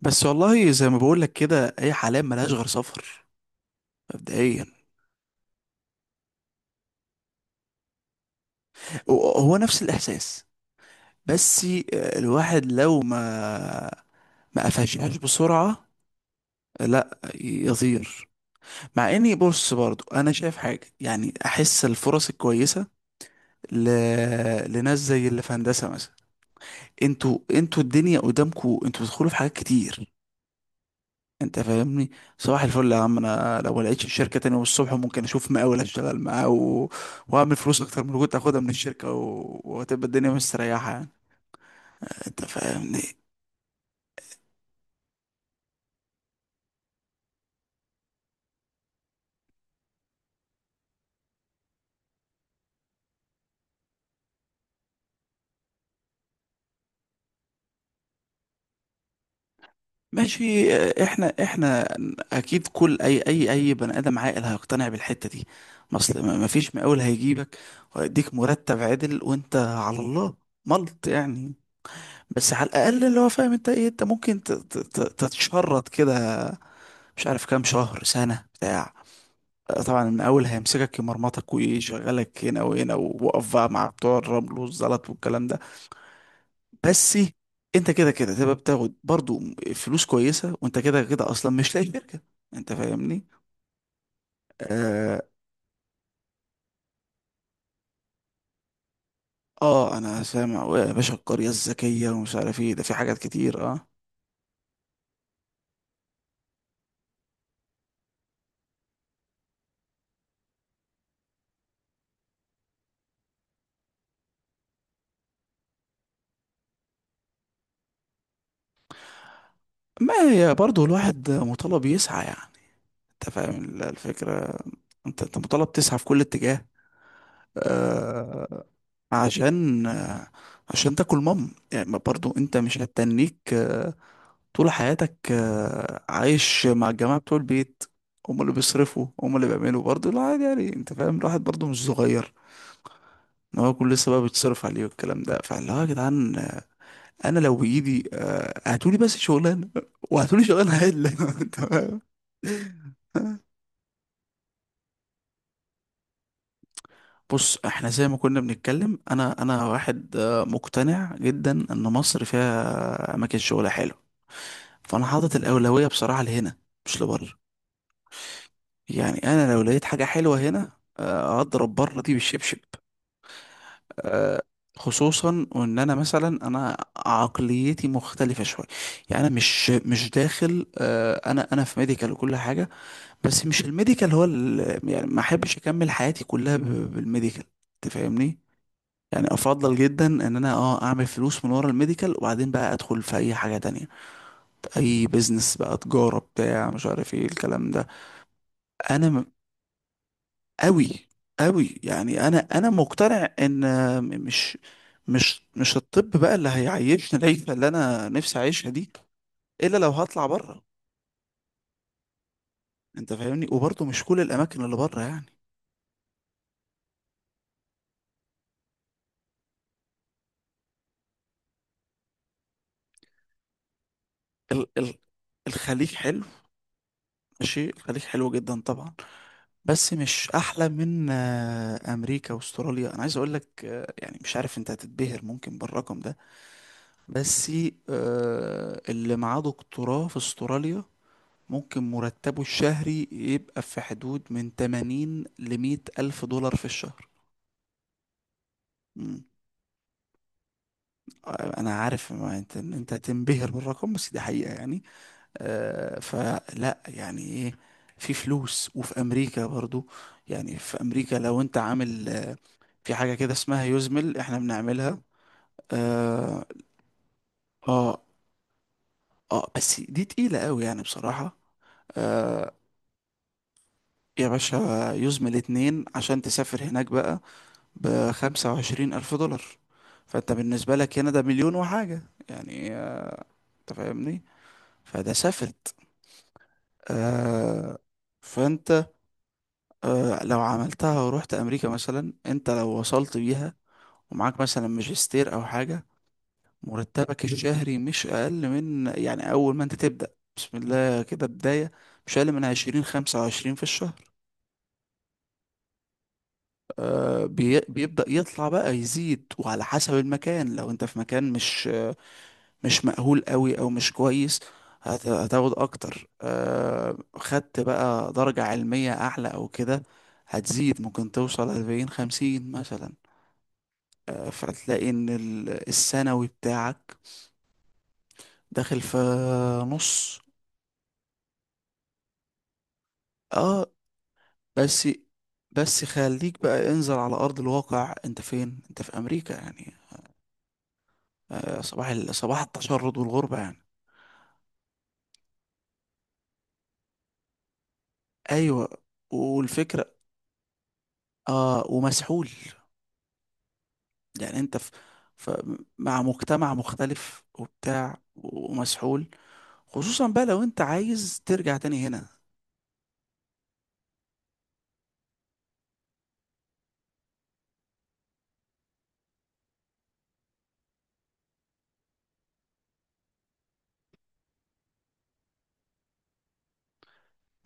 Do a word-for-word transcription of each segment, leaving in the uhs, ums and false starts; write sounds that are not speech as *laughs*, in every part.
بس والله زي ما بقول لك كده اي حلال ملهاش غير سفر مبدئيا. هو هو نفس الاحساس. بس الواحد لو ما ما قفشهاش بسرعه لا يطير. مع اني بص برضو انا شايف حاجه، يعني احس الفرص الكويسه ل... لناس زي اللي في هندسه مثلا. انتوا انتوا الدنيا قدامكوا، انتوا بتدخلوا في حاجات كتير. انت فاهمني؟ صباح الفل يا عم. انا لو ما لقيتش الشركه تاني يوم الصبح ممكن اشوف مقاول اشتغل معاه و... واعمل فلوس اكتر من اللي كنت اخدها من الشركه، و... وهتبقى الدنيا مستريحه يعني. انت فاهمني؟ ماشي. اه، احنا احنا اكيد كل اي اي اي بني ادم عاقل هيقتنع بالحته دي. ما اصل ما ما فيش مقاول هيجيبك ويديك مرتب عدل وانت على الله، ملط يعني. بس على الاقل اللي هو فاهم انت ايه، انت ممكن ت- ت- ت- تتشرط كده مش عارف كام شهر سنه بتاع. طبعا من اول هيمسكك يمرمطك ويشغلك هنا وهنا ووقف بقى مع بتوع الرمل والزلط والكلام ده. بس انت كده كده تبقى بتاخد برضو فلوس كويسه، وانت كده كده اصلا مش لاقي شركه. انت فاهمني؟ اه, آه انا سامع يا باشا، القريه الذكيه ومش عارف ايه، ده في حاجات كتير اه. ما هي برضو الواحد مطالب يسعى يعني. انت فاهم ال- الفكره؟ انت انت مطالب تسعى في كل اتجاه، آه، عشان آه، عشان تاكل مام يعني. ما برضو انت مش هتتنيك آه، طول حياتك، آه، عايش مع الجماعة بتوع البيت هم اللي بيصرفوا هم اللي بيعملوا. برضو لا عادي يعني، انت فاهم، الواحد برضو مش صغير ان هو يكون لسه بقى بيتصرف عليه والكلام ده. فاللي هو يا جدعان، آه، انا لو بايدي آه، هاتولي بس شغلانة، وهاتولي شغلانة عدلة *laughs* انت فاهم؟ بص احنا زي ما كنا بنتكلم، انا انا واحد آه، مقتنع جدا ان مصر فيها اماكن شغل حلو. فانا حاطط الاولويه بصراحه لهنا، مش لبره. يعني انا لو لقيت حاجه حلوه هنا، آه، اضرب بره دي بالشبشب. آه، خصوصا وان انا مثلا انا عقليتي مختلفه شويه. يعني انا مش مش داخل، آه، انا انا في ميديكال وكل حاجه. بس مش الميديكال هو ال- يعني ما احبش اكمل حياتي كلها ب- بالميديكال. تفهمني؟ يعني افضل جدا ان انا اه اعمل فلوس من ورا الميديكال، وبعدين بقى ادخل في اي حاجه تانية، اي بيزنس بقى، تجاره بتاع مش عارف ايه الكلام ده. انا م- قوي، قوي يعني. انا انا مقتنع ان م- مش مش مش الطب بقى اللي هيعيشني العيشه اللي انا نفسي اعيشها دي، الا لو هطلع بره. انت فاهمني؟ وبرضه مش كل الاماكن اللي بره يعني. ال ال الخليج حلو. ماشي، الخليج حلو جدا طبعا، بس مش احلى من آه، امريكا واستراليا. انا عايز اقول لك آه، يعني مش عارف، انت هتتبهر ممكن بالرقم ده، بس آه، اللي معاه دكتوراه في استراليا ممكن مرتبه الشهري يبقى في حدود من ثمانين ل مئة الف دولار في الشهر. مم. آه، انا عارف، ما انت إن انت هتنبهر بالرقم، بس دي حقيقة يعني. آه، فلا يعني ايه، في فلوس. وفي امريكا برضو يعني، في امريكا لو انت عامل آه، في حاجة كده اسمها يوزمل احنا بنعملها. اه اه, آه بس دي تقيلة قوي يعني بصراحة. آه يا باشا، يوزمل اتنين عشان تسافر هناك بقى بخمسة وعشرين ألف دولار. فانت بالنسبة لك هنا ده مليون وحاجة يعني. آه، انت فاهمني؟ فده سافرت. آه فانت آه لو عملتها ورحت أمريكا مثلا، انت لو وصلت بيها ومعاك مثلا ماجستير أو حاجة، مرتبك الشهري مش أقل من، يعني أول ما أنت تبدأ، بسم الله كده بداية، مش أقل من عشرين خمسة وعشرين في الشهر. آه، بي- بيبدأ يطلع بقى يزيد، وعلى حسب المكان. لو أنت في مكان مش آه، مش مأهول قوي أو مش كويس هت- هتاخد أكتر. آه، خدت بقى درجة علمية أعلى أو كده هتزيد، ممكن توصل أربعين خمسين مثلا. آه، فتلاقي إن ال- السنوي بتاعك داخل في نص. اه. بس بس خليك بقى انزل على أرض الواقع، أنت فين؟ أنت في أمريكا يعني، آه، صباح ال- صباح التشرد والغربة يعني. أيوة. والفكرة، آه ومسحول يعني. أنت في ف- مع مجتمع مختلف وبتاع، ومسحول، خصوصا بقى لو أنت عايز ترجع تاني هنا.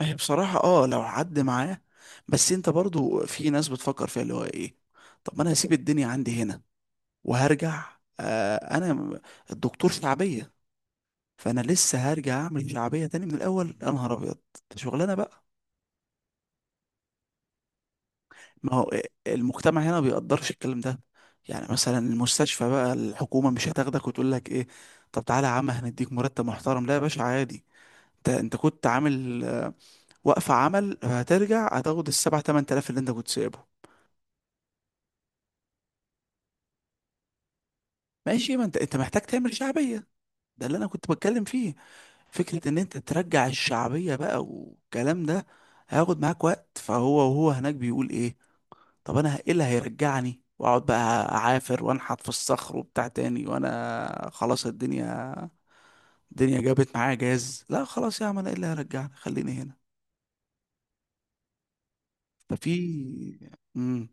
ما هي بصراحة اه لو حد معاه. بس أنت برضو في ناس بتفكر فيها، اللي هو إيه، طب ما أنا هسيب الدنيا عندي هنا وهرجع؟ آه أنا م- الدكتور شعبية، فانا لسه هرجع اعمل شعبيه تاني من الاول يا نهار ابيض. ده شغلانه بقى. ما هو إيه، المجتمع هنا ما بيقدرش الكلام ده، يعني مثلا المستشفى بقى الحكومه مش هتاخدك وتقول لك ايه، طب تعالى يا عم هنديك مرتب محترم. لا يا باشا عادي، انت انت كنت عامل آه، وقفه عمل، هترجع هتاخد السبع تمن تلاف اللي انت كنت سايبه. ماشي، ما انت انت محتاج تعمل شعبيه. ده اللي انا كنت بتكلم فيه، فكره ان انت ترجع الشعبيه بقى والكلام ده هياخد معاك وقت. فهو وهو هناك بيقول ايه، طب انا ايه اللي هيرجعني، واقعد بقى اعافر وانحت في الصخر وبتاع تاني، وانا خلاص الدنيا، الدنيا جابت معايا جاز؟ لا خلاص يا عم، انا ايه اللي هيرجعني، خليني هنا. ففي امم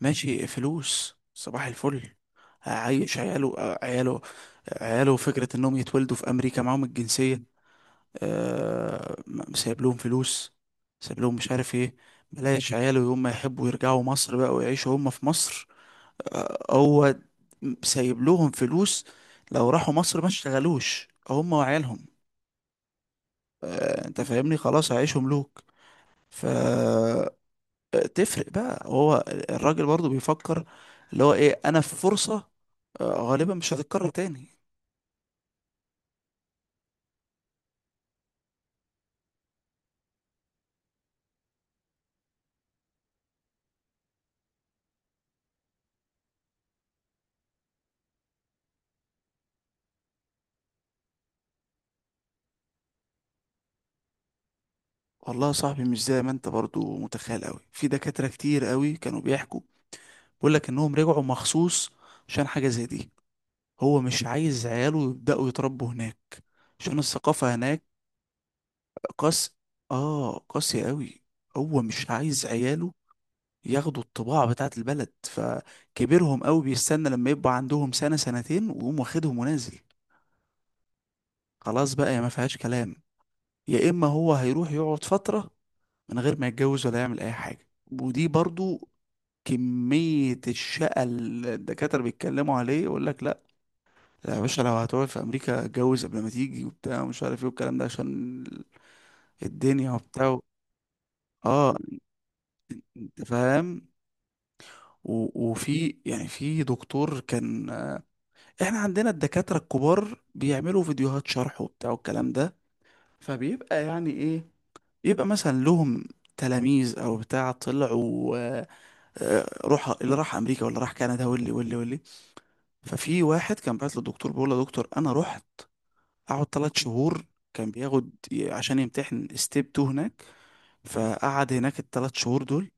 ماشي، فلوس صباح الفل، هعيش عياله. عياله عياله فكرة انهم يتولدوا في امريكا معاهم الجنسية. أه... م- سايب لهم فلوس، سايب لهم مش عارف ايه. بلاش عياله، يوم ما يحبوا يرجعوا مصر بقى ويعيشوا هم في مصر، آه، هو سايب لهم فلوس. لو راحوا مصر ما اشتغلوش هم وعيالهم. آه، انت فاهمني، خلاص هيعيشوا ملوك. فتفرق بقى. هو الراجل برضو بيفكر اللي هو ايه، انا في فرصة آه، غالبا مش هتتكرر تاني. والله يا صاحبي مش زي ما انت برضو متخيل، قوي في دكاترة كتير قوي كانوا بيحكوا، بيقول لك انهم رجعوا مخصوص عشان حاجة زي دي. هو مش عايز عياله يبدأوا يتربوا هناك عشان الثقافة هناك قاسي. اه قاسي قوي. هو مش عايز عياله ياخدوا الطباع بتاعة البلد، فكبرهم قوي بيستنى لما يبقى عندهم سنة سنتين ويقوم واخدهم ونازل. خلاص بقى يا ما فيهاش كلام، يا اما هو هيروح يقعد فترة من غير ما يتجوز ولا يعمل اي حاجة. ودي برضو كمية الشقة اللي الدكاترة بيتكلموا عليه، يقول لك لا يا باشا، لو هتقعد في امريكا اتجوز قبل ما تيجي وبتاع ومش عارف ايه والكلام ده، عشان الدنيا وبتاع. اه انت فاهم. و- وفي يعني، في دكتور كان، احنا عندنا الدكاترة الكبار بيعملوا فيديوهات شرح وبتاع والكلام ده، فبيبقى يعني ايه، يبقى مثلا لهم تلاميذ او بتاع طلعوا، آه، آه، روح اللي راح امريكا واللي راح كندا واللي واللي واللي. ففي واحد كان بعت للدكتور بيقول له يا دكتور انا رحت قعد ثلاث شهور، كان بياخد ي- عشان يمتحن ستيب اتنين هناك. فقعد هناك الثلاث شهور دول،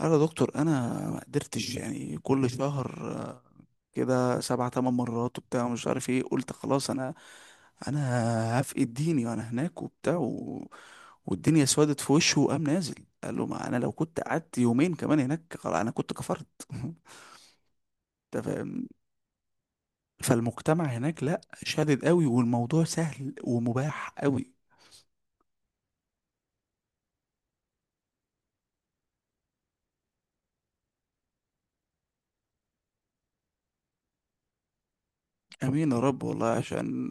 قال يا دكتور انا ما قدرتش يعني. كل شهر آه، كده سبع تمن مرات وبتاع مش عارف ايه، قلت خلاص انا انا هفقد ديني وانا هناك وبتاع و... والدنيا سودت في وشه وقام نازل. قال له ما انا لو كنت قعدت يومين كمان هناك خلاص انا كنت كفرت *laughs* انت فاهم، فالمجتمع هناك لا شادد قوي، والموضوع سهل ومباح قوي. امين يا رب. والله عشان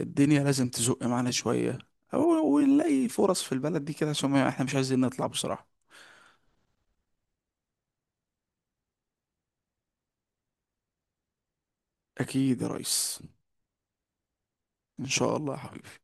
الدنيا لازم تزق معانا شوية أو- ونلاقي فرص في البلد دي كده عشان ما- احنا مش عايزين نطلع بصراحة. أكيد يا ريس. إن شاء الله يا حبيبي.